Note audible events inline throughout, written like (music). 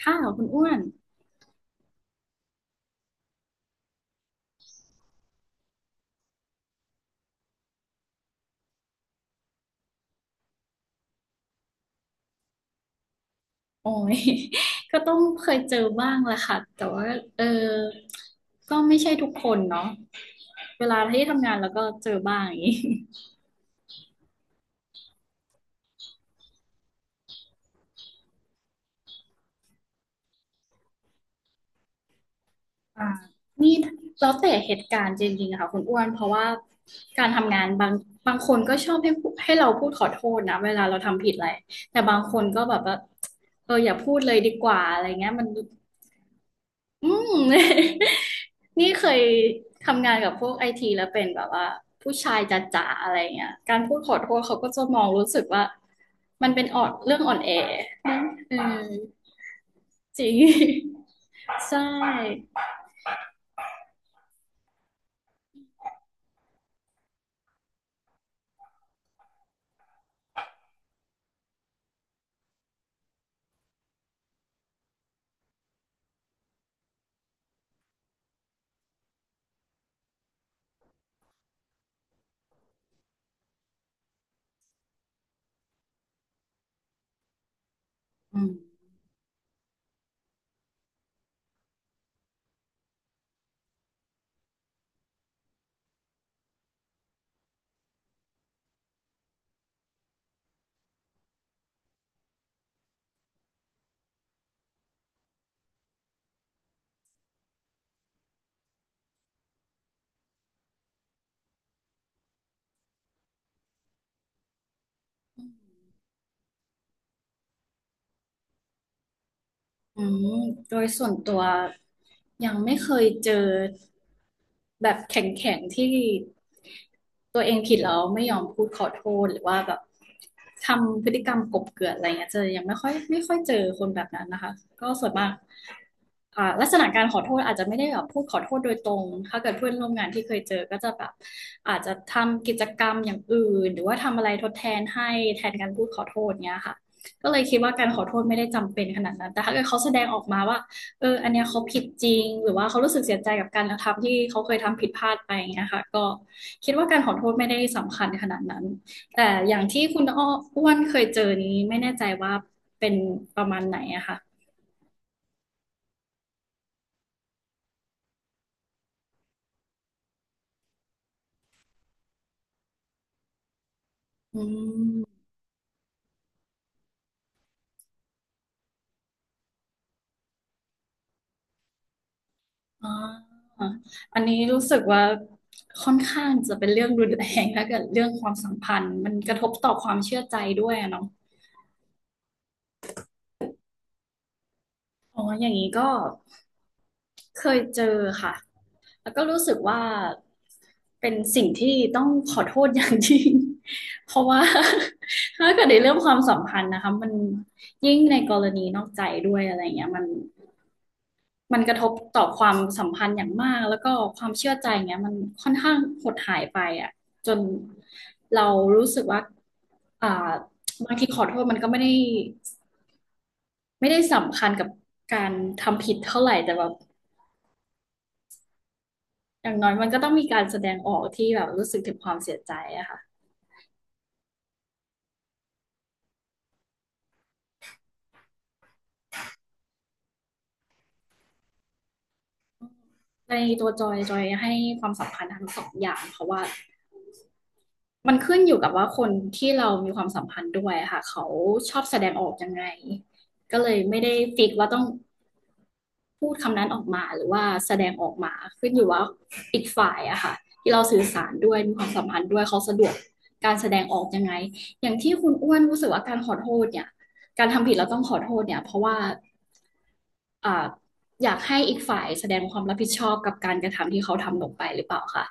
ค่ะคุณอ้วนโอ้ย (laughs) ก็ต้องเคยเจอบ้างแหละค่ะแต่ว่าเออก็ไม่ใช่ทุกคนเนาะเวลาที่ทำงานแล้วก็เจอบ้างอย่างนี้อ่า (laughs) นี่แล้วแต่เหตุการณ์จริงๆอะค่ะคุณอ้วนเพราะว่าการทำงานบางคนก็ชอบให้เราพูดขอโทษนะเวลาเราทำผิดอะไรแต่บางคนก็แบบว่าเอออย่าพูดเลยดีกว่าอะไรเงี้ยมัน อืม (laughs) นี่เคยทำงานกับพวกไอทีแล้วเป็นแบบว่าผู้ชายจ๋าๆอะไรเงี้ยการพูดขอโทษเขาก็จะมองรู้สึกว่ามันเป็นออดเรื่องอ่อนแอเออจริง (laughs) ใช่อืมอืมโดยส่วนตัวยังไม่เคยเจอ แบบแข็งๆที่ตัวเองผิดแล้วไม่ยอมพูดขอโทษหรือว่าแบบทำพฤติกรรมกลบเกลื่อนอะไรเงี้ยเจอยังไม่ค่อยเจอคนแบบนั้นนะคะก็ส่วนมากลักษณะการขอโทษอาจจะไม่ได้แบบพูดขอโทษโดยตรงถ้าเกิดเพื่อนร่วมงานที่เคยเจอก็จะแบบอาจจะทำกิจกรรมอย่างอื่นหรือว่าทำอะไรทดแทนให้แทนการพูดขอโทษเนี้ยค่ะก็เลยคิดว่าการขอโทษไม่ได้จำเป็นขนาดนั้นแต่ถ้าเกิดเขาแสดงออกมาว่า เอออันเนี้ยเขาผิดจริง หรือว่าเขารู้สึกเสียใจกับการกระทำที่เขาเคยทำผิดพลาดไปอย่างเงี้ยค่ะก็คิดว่าการขอโทษไม่ได้สำคัญขนาดนั้นแต่อย่างที่คุณอ้วนเคยเจอนี้ไม่แน่ใจว่าเป็นประมาณไหนอะค่ะอืมอ่าอันนี้รู้สึกว่าค่อนข้างจะเป็นเรื่องรุนแรงแล้วกับเรื่องความสัมพันธ์มันกระทบต่อความเชื่อใจด้วยอะเนาะอ๋ออย่างนี้ก็เคยเจอค่ะ แล้วก็รู้สึกว่าเป็นสิ่งที่ต้องขอโทษอย่างยิ่ง (laughs) เพราะว่า (laughs) ถ้าเกิดในเรื่องความสัมพันธ์นะคะมันยิ่งในกรณีนอกใจด้วยอะไรเงี้ยมันกระทบต่อความสัมพันธ์อย่างมากแล้วก็ความเชื่อใจเงี้ยมันค่อนข้างหดหายไปอ่ะจนเรารู้สึกว่าอ่าบางทีขอโทษมันก็ไม่ได้สำคัญกับการทำผิดเท่าไหร่แต่แบบอย่างน้อยมันก็ต้องมีการแสดงออกที่แบบรู้สึกถึงความเสียใจอะค่ะ ในตัวจอยจอยให้ความสัมพันธ์ทั้งสองอย่างเพราะว่ามันขึ้นอยู่กับว่าคนที่เรามีความสัมพันธ์ด้วยค่ะเขาชอบแสดงออกยังไงก็เลยไม่ได้ฟิกว่าต้อง พูดคำนั้นออกมาหรือว่าแสดงออกมาขึ้นอยู่ว่าอีกฝ่ายอะค่ะที่เราสื่อสารด้วยมีความสัมพันธ์ด้วยเขาสะดวกการแสดงออกยังไงอย่างที่คุณอ้วนรู้สึกว่าการขอโทษเนี่ยการทำผิดเราต้องขอโทษเนี่ยเพราะว่าอ่าอยากให้อีกฝ่ายแสดงความรับผิดชอบกับการกระทำที่เขาทำลงไปหรือเปล่าคะ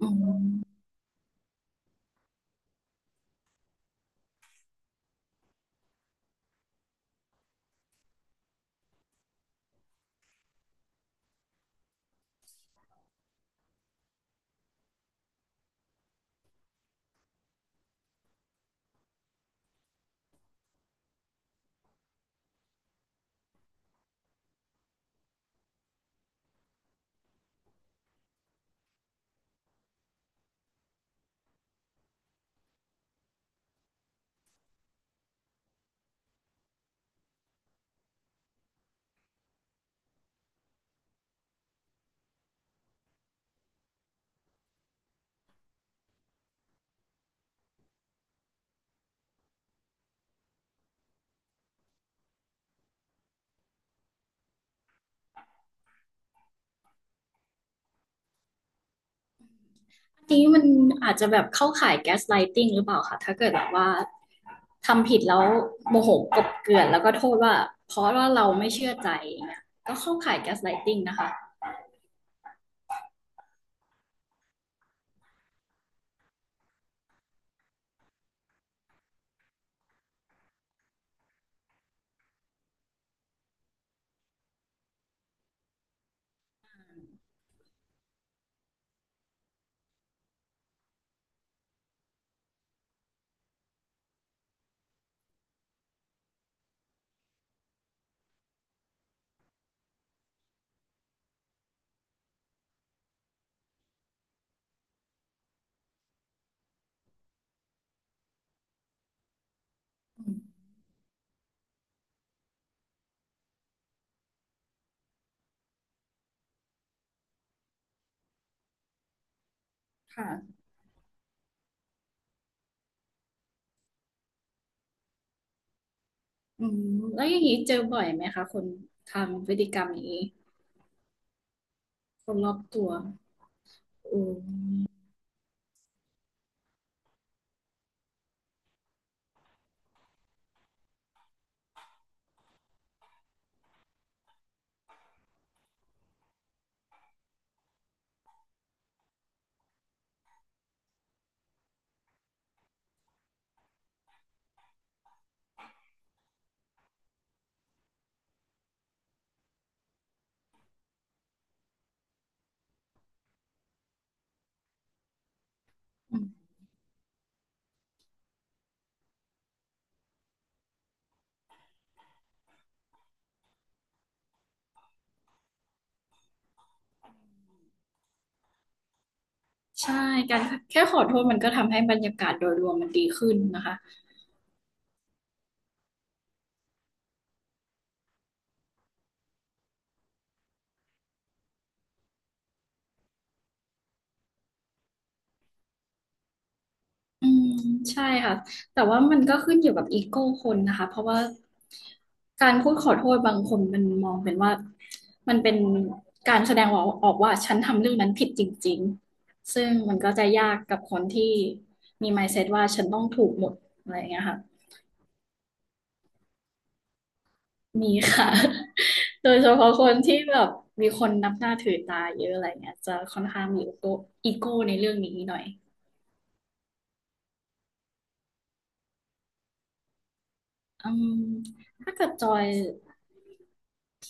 อืม นี้มันอาจจะแบบเข้าข่ายแก๊สไลติงหรือเปล่าคะถ้าเกิดแบบว่าทำผิดแล้วโมโหกลบเกลื่อนแล้วก็โทษว่าเพราะว่าเราไม่เชื่อใจอย่างเงี้ยก็เข้าข่ายแก๊สไลติงนะคะค่ะอืมแล้วอย่างนี้เจอบ่อยไหมคะคนทำพฤติกรรมนี้คนรอบตัวอืมใช่การแค่ขอโทษมันก็ทำให้บรรยากาศโดยรวมมันดีขึ้นนะคะ อืมใช่ค่ะแต่ว่ามันก็ขึ้นอยู่กับอีโก้คนนะคะเพราะว่าการพูดขอโทษบางคนมันมองเป็นว่ามันเป็นการแสดงออกว่าฉันทำเรื่องนั้นผิดจริงๆซึ่งมันก็จะยากกับคนที่มี mindset ว่าฉันต้องถูกหมดอะไรอย่างเงี้ยค่ะมีค่ะ (laughs) โดยเฉพาะคนที่แบบมีคนนับหน้าถือตาเยอะอะไรเงี้ยจะค่อนข้างมีอีโก้อีโก้ในเรื่องนี้หน่อย อืมถ้าเกิดจอย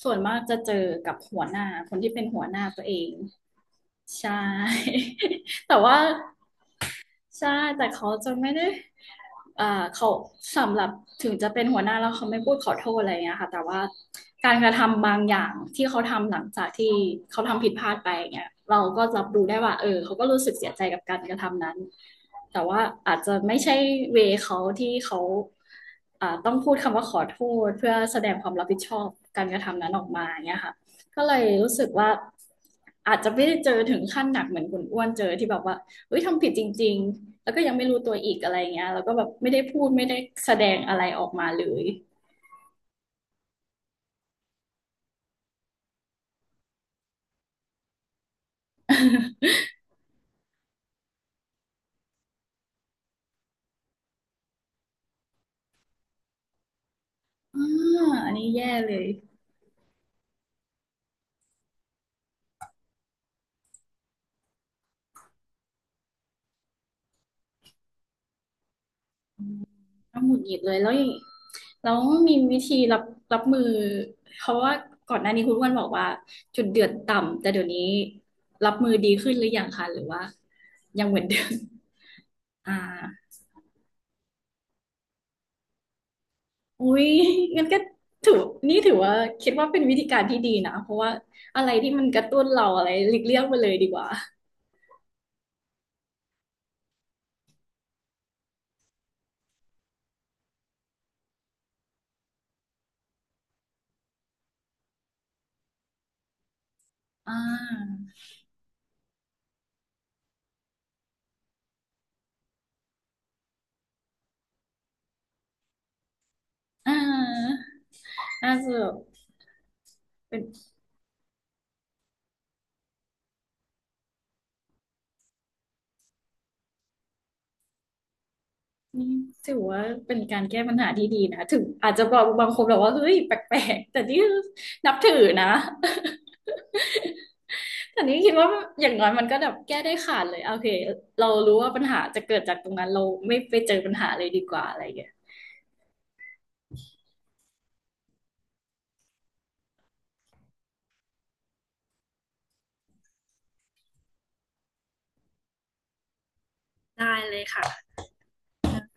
ส่วนมากจะเจอกับหัวหน้าคนที่เป็นหัวหน้าตัวเองใช่ (laughs) แต่ว่า ใช่แต่เขาจะไม่ได้อ่าเขาสำหรับถึงจะเป็นหัวหน้าแล้วเขาไม่พูดขอโทษอะไรอย่างเงี้ยค่ะแต่ว่าการกระทำบางอย่างที่เขาทำหลังจากที่เขาทำผิดพลาดไปอย่างเงี้ยเราก็รับรู้ได้ว่าเออเขาก็รู้สึกเสียใจกับการกระทำนั้นแต่ว่าอาจจะไม่ใช่เวเขาที่เขาต้องพูดคำว่าขอโทษเพื่อแสดงความรับผิดชอบการกระทำนั้นออกมาอย่างเงี้ยค่ะก็เลยรู้สึกว่าอาจจะไม่ได้เจอถึงขั้นหนักเหมือนคุณอ้วนเจอที่แบบว่า เฮ้ยทำผิดจริงๆแล้วก็ยังไม่รู้ตัวอีกอะไรเงี้ยแล้วก็แบบไม่ได้พูดไม่ได้แสดงอะไรออกมาเลย (laughs) อ่าอันนี้แย่เลยน้ำหงุดหงิดเลยแล้วอย่างแล้วมีวิธีรับมือเพราะว่าก่อนหน้านี้คุณอ้วนบอกว่าจุดเดือดต่ำแต่เดี๋ยวนี้รับมือดีขึ้นหรือยังคะหรือว่ายังเหมือนเดิม (laughs) อ่าอุ้ยงั้นก็ถือนี่ถือว่าคิดว่าเป็นวิธีการที่ดีนะเพราะว่าอะไรที่มันกระตุ้นเราอะไรหลีกเลี่ยงไปเลยดีกว่าอ่า อ่าน่าจะแบบเป็นนี่ถือว่าเป็นการแก้ปัญหาที่ดีนะถึงอาจจะบอกบางคนแบบว่าเฮ้ยแปลกๆแต่นี่นับถือนะ (laughs) แต่นี้คิดว่าอย่างน้อยมันก็แบบแก้ได้ขาดเลยโอเคเรารู้ว่าปัญหาจะเกิดจากตรงนั้นเราไม่ไปเจอปัญหาเลยดีกว่าอะไรอย่างเงี้ยได้เลยค่ะ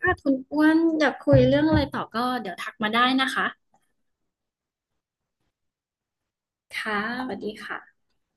ถ้าคุณอ้วนอยากคุยเรื่องอะไรต่อก็เดี๋ยวทักมาได้นะคะค่ะสวัสดีค่ะ